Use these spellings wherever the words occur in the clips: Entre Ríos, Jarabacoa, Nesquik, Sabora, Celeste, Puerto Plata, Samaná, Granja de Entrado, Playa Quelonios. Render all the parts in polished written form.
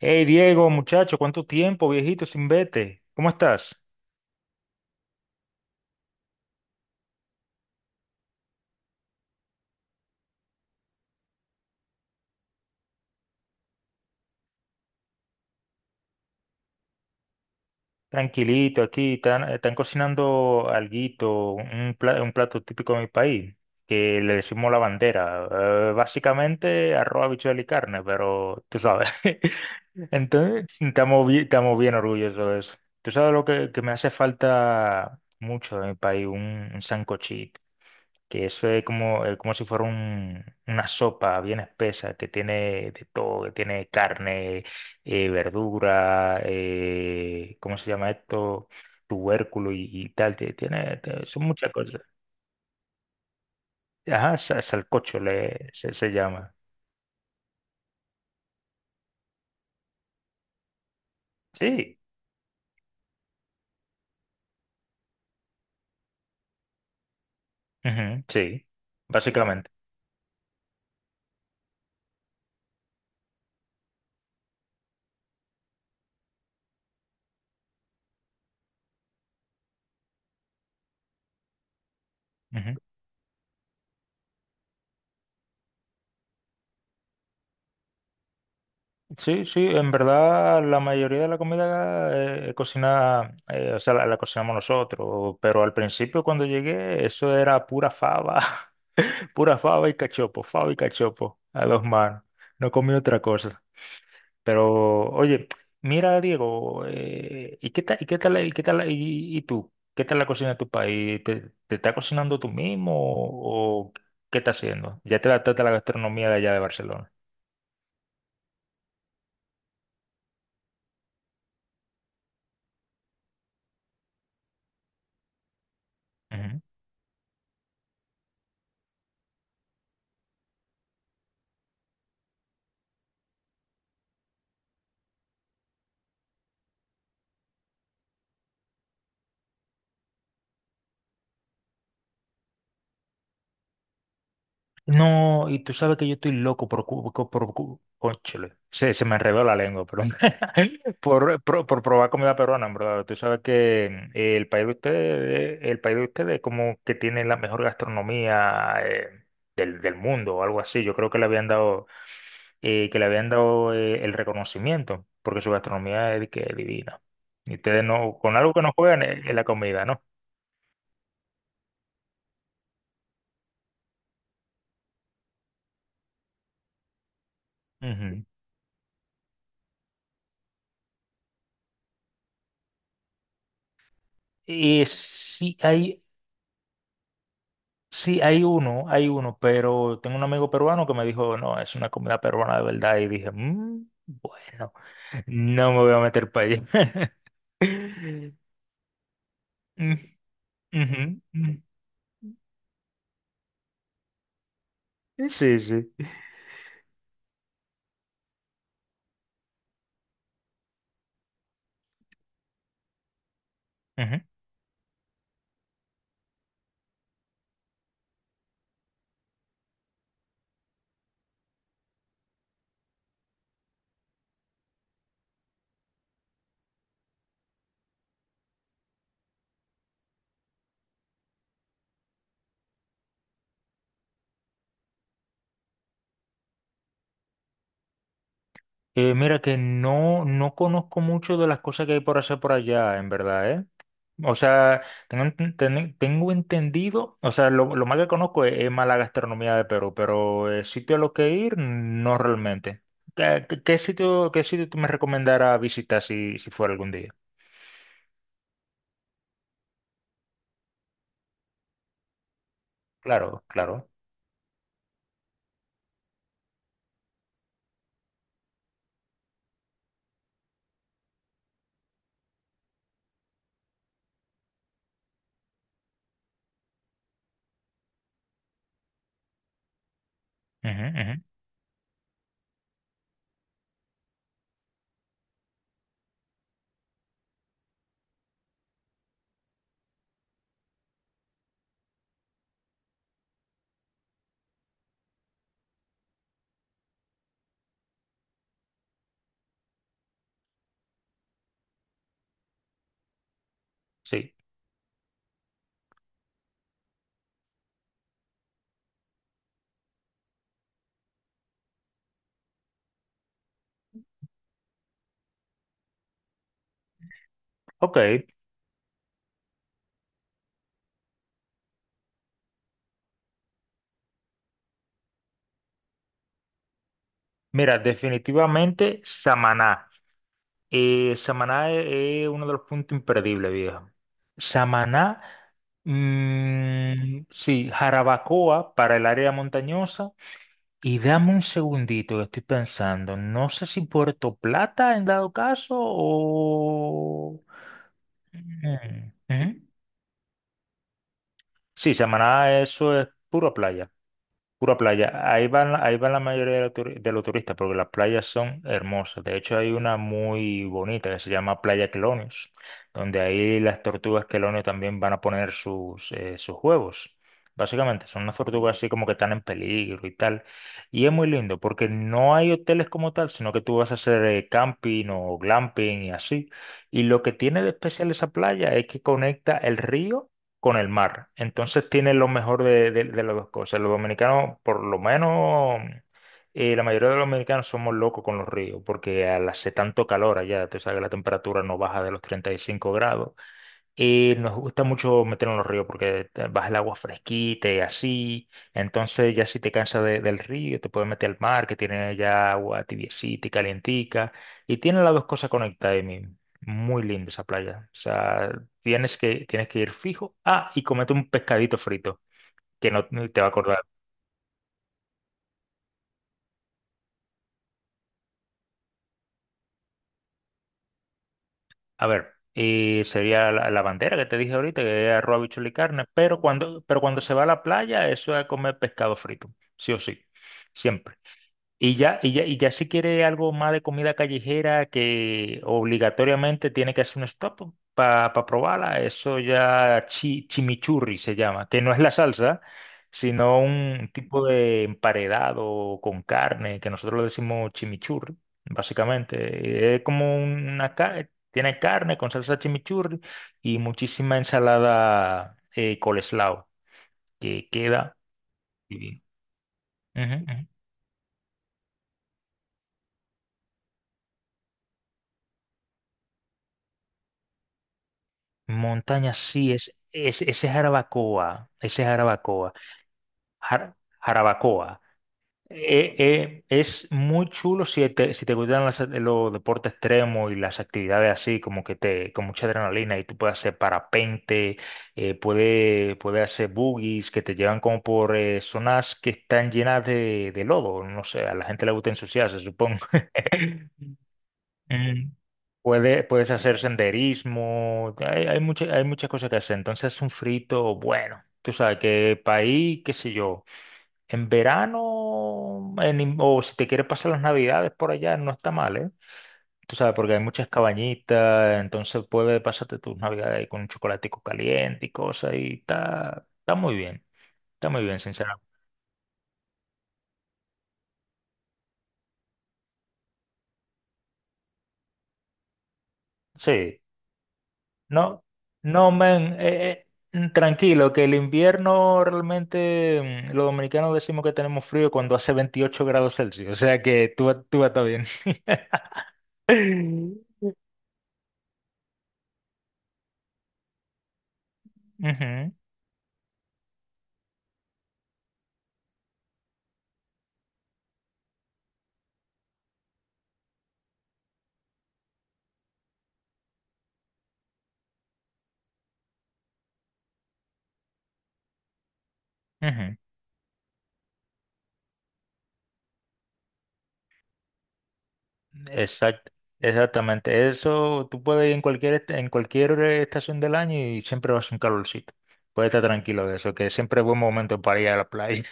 Hey Diego, muchacho, ¿cuánto tiempo, viejito, sin vete? ¿Cómo estás? Tranquilito, aquí están cocinando alguito, un plato típico de mi país, que le decimos la bandera. Básicamente arroz, habichuela y carne, pero tú sabes. Entonces, estamos bien orgullosos de eso. Tú sabes que me hace falta mucho en mi país, un sancochito, que eso es como, como si fuera una sopa bien espesa, que tiene de todo, que tiene carne, verdura, ¿cómo se llama esto? Tubérculo y tal, tiene, son muchas cosas. Ajá, salcocho se llama. Sí, ujú, sí, básicamente. Sí, sí, en verdad la mayoría de la comida cocina, o sea, la cocinamos nosotros, pero al principio cuando llegué eso era pura fava, pura fava y cachopo a dos manos, no comí otra cosa. Pero oye, mira Diego, ¿y qué tal, y tú? ¿Qué tal la cocina de tu país? ¿Te está cocinando tú mismo o, qué estás haciendo? Ya te adaptaste a la gastronomía de allá de Barcelona. No, y tú sabes que yo estoy loco por, cónchale, se me enredó la lengua, pero por probar comida peruana, en verdad. Tú sabes que el país de ustedes, el país de ustedes como que tiene la mejor gastronomía del mundo o algo así. Yo creo que le habían dado, el reconocimiento, porque su gastronomía es de que divina. Y ustedes no, con algo que no juegan es la comida, ¿no? Ujú. Y sí, hay, sí, hay uno, pero tengo un amigo peruano que me dijo, no, es una comida peruana de verdad. Y dije, "Mm, bueno, no me voy a meter para allá. Mm, ujú, mm. Sí, sí. Ujú. Mira que no, no conozco mucho de las cosas que hay por hacer por allá, en verdad, ¿eh? O sea, tengo, tengo entendido, o sea, lo más que conozco es más la gastronomía de Perú, pero sitio a lo que ir, no realmente. ¿Qué sitio, qué sitio tú me recomendarás visitar si fuera algún día? Claro, claro. Ujú, ujú, sí. Ok. Mira, definitivamente Samaná. Samaná es uno de los puntos imperdibles, viejo. Samaná, mm, sí, Jarabacoa para el área montañosa. Y dame un segundito que estoy pensando. No sé si Puerto Plata en dado caso o... Mm, ujú. Sí, Samaná, eso es puro playa. Pura playa. Ahí van la mayoría de, de los turistas porque las playas son hermosas. De hecho, hay una muy bonita que se llama Playa Quelonios, donde ahí las tortugas Quelonios también van a poner sus huevos. Básicamente, son unas tortugas así como que están en peligro y tal. Y es muy lindo porque no hay hoteles como tal, sino que tú vas a hacer camping o glamping y así. Y lo que tiene de especial esa playa es que conecta el río con el mar. Entonces tiene lo mejor de las dos cosas. Los dominicanos, por lo menos, la mayoría de los dominicanos somos locos con los ríos, porque al hace tanto calor allá, tú sabes que la temperatura no baja de los 35 grados. Y nos gusta mucho meternos en los ríos porque vas al agua fresquita y así. Entonces ya si te cansas del río, te puedes meter al mar que tiene ya agua tibiecita y calientica. Y tiene las dos cosas conectadas ahí mismo. Muy linda esa playa. O sea, tienes que ir fijo. Ah, y comete un pescadito frito que no te va a acordar. A ver, y sería la bandera que te dije ahorita, que es arroz, habichuela y carne. Pero cuando se va a la playa, eso es comer pescado frito. Sí o sí. Siempre. Y ya si quiere algo más de comida callejera que obligatoriamente tiene que hacer un stop para probarla, eso ya chimichurri se llama, que no es la salsa, sino un tipo de emparedado con carne, que nosotros le decimos chimichurri, básicamente. Es como una carne, tiene carne con salsa chimichurri y muchísima ensalada coleslaw, que queda divino. Montaña, sí, ese es Jarabacoa, Jar- Jarabacoa. Es muy chulo si te gustan los deportes extremos y las actividades así, como que te, con mucha adrenalina y tú puedes hacer parapente, puedes hacer boogies que te llevan como por zonas que están llenas de lodo, no sé, a la gente le gusta ensuciarse, supongo. Mm, puedes hacer senderismo, hay muchas cosas que hacer. Entonces, un frito, bueno, tú sabes que país, qué sé yo, en verano, o si te quieres pasar las navidades por allá, no está mal, ¿eh? Tú sabes, porque hay muchas cabañitas, entonces puedes pasarte tus navidades ahí con un chocolatico caliente y cosas, y está, está muy bien, sinceramente. Sí. No, no, men, tranquilo, que el invierno realmente los dominicanos decimos que tenemos frío cuando hace 28 grados Celsius, o sea que tú, tú vas a estar bien. Ujú, ujú. Exact- Exactamente. Eso tú puedes ir en cualquier, en cualquier estación del año y siempre vas a un calorcito. Puedes estar tranquilo de eso, que siempre es buen momento para ir a la playa.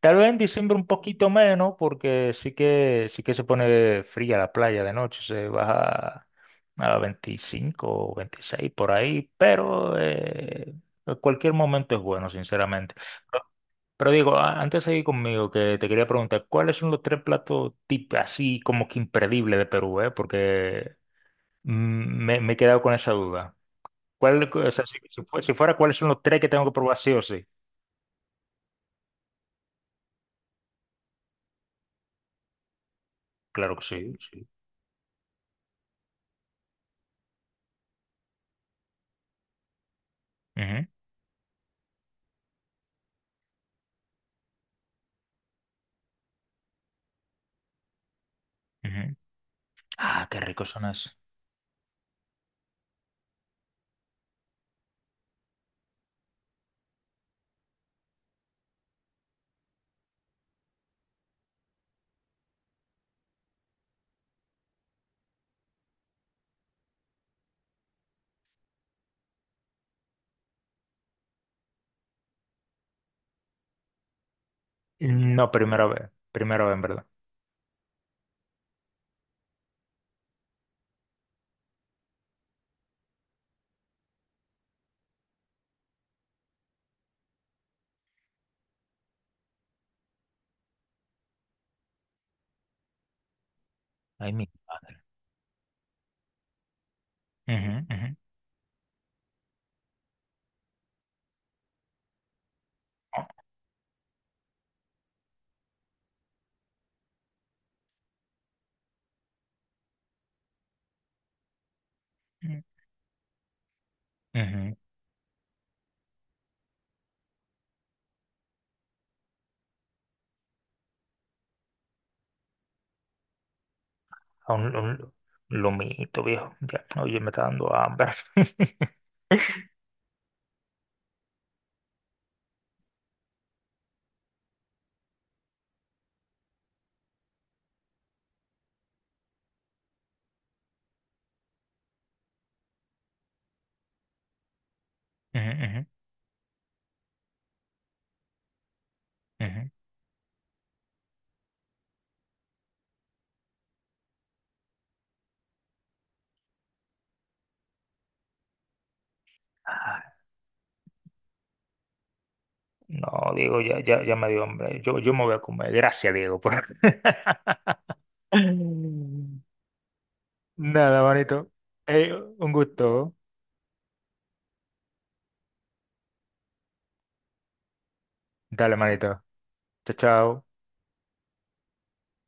Tal vez en diciembre un poquito menos, porque sí que se pone fría la playa de noche, se baja a 25 o 26 por ahí, pero cualquier momento es bueno, sinceramente. Pero, pero digo, antes de ir conmigo, que te quería preguntar, ¿cuáles son los tres platos tip así como que imperdibles de Perú, eh? Porque mm, me he quedado con esa duda. ¿Cuál, o sea, si, si fue- Si fuera, ¿cuáles son los tres que tengo que probar sí o sí? Claro que sí, sí. Ujú, ujú. Ah, qué ricos son las... No, primera vez. Primera vez, en verdad. Ay, mi madre. Ujú, ujú, ujú. Un lomito, viejo. Ya, oye, me está dando hambre. Ujú, ujú, ujú. Ah, no, Diego, ya me dio hambre. Yo me voy a comer. Gracias, Diego, por... Mm. Nada, manito. Eh, un gusto. Dale, manito. Chao, chao.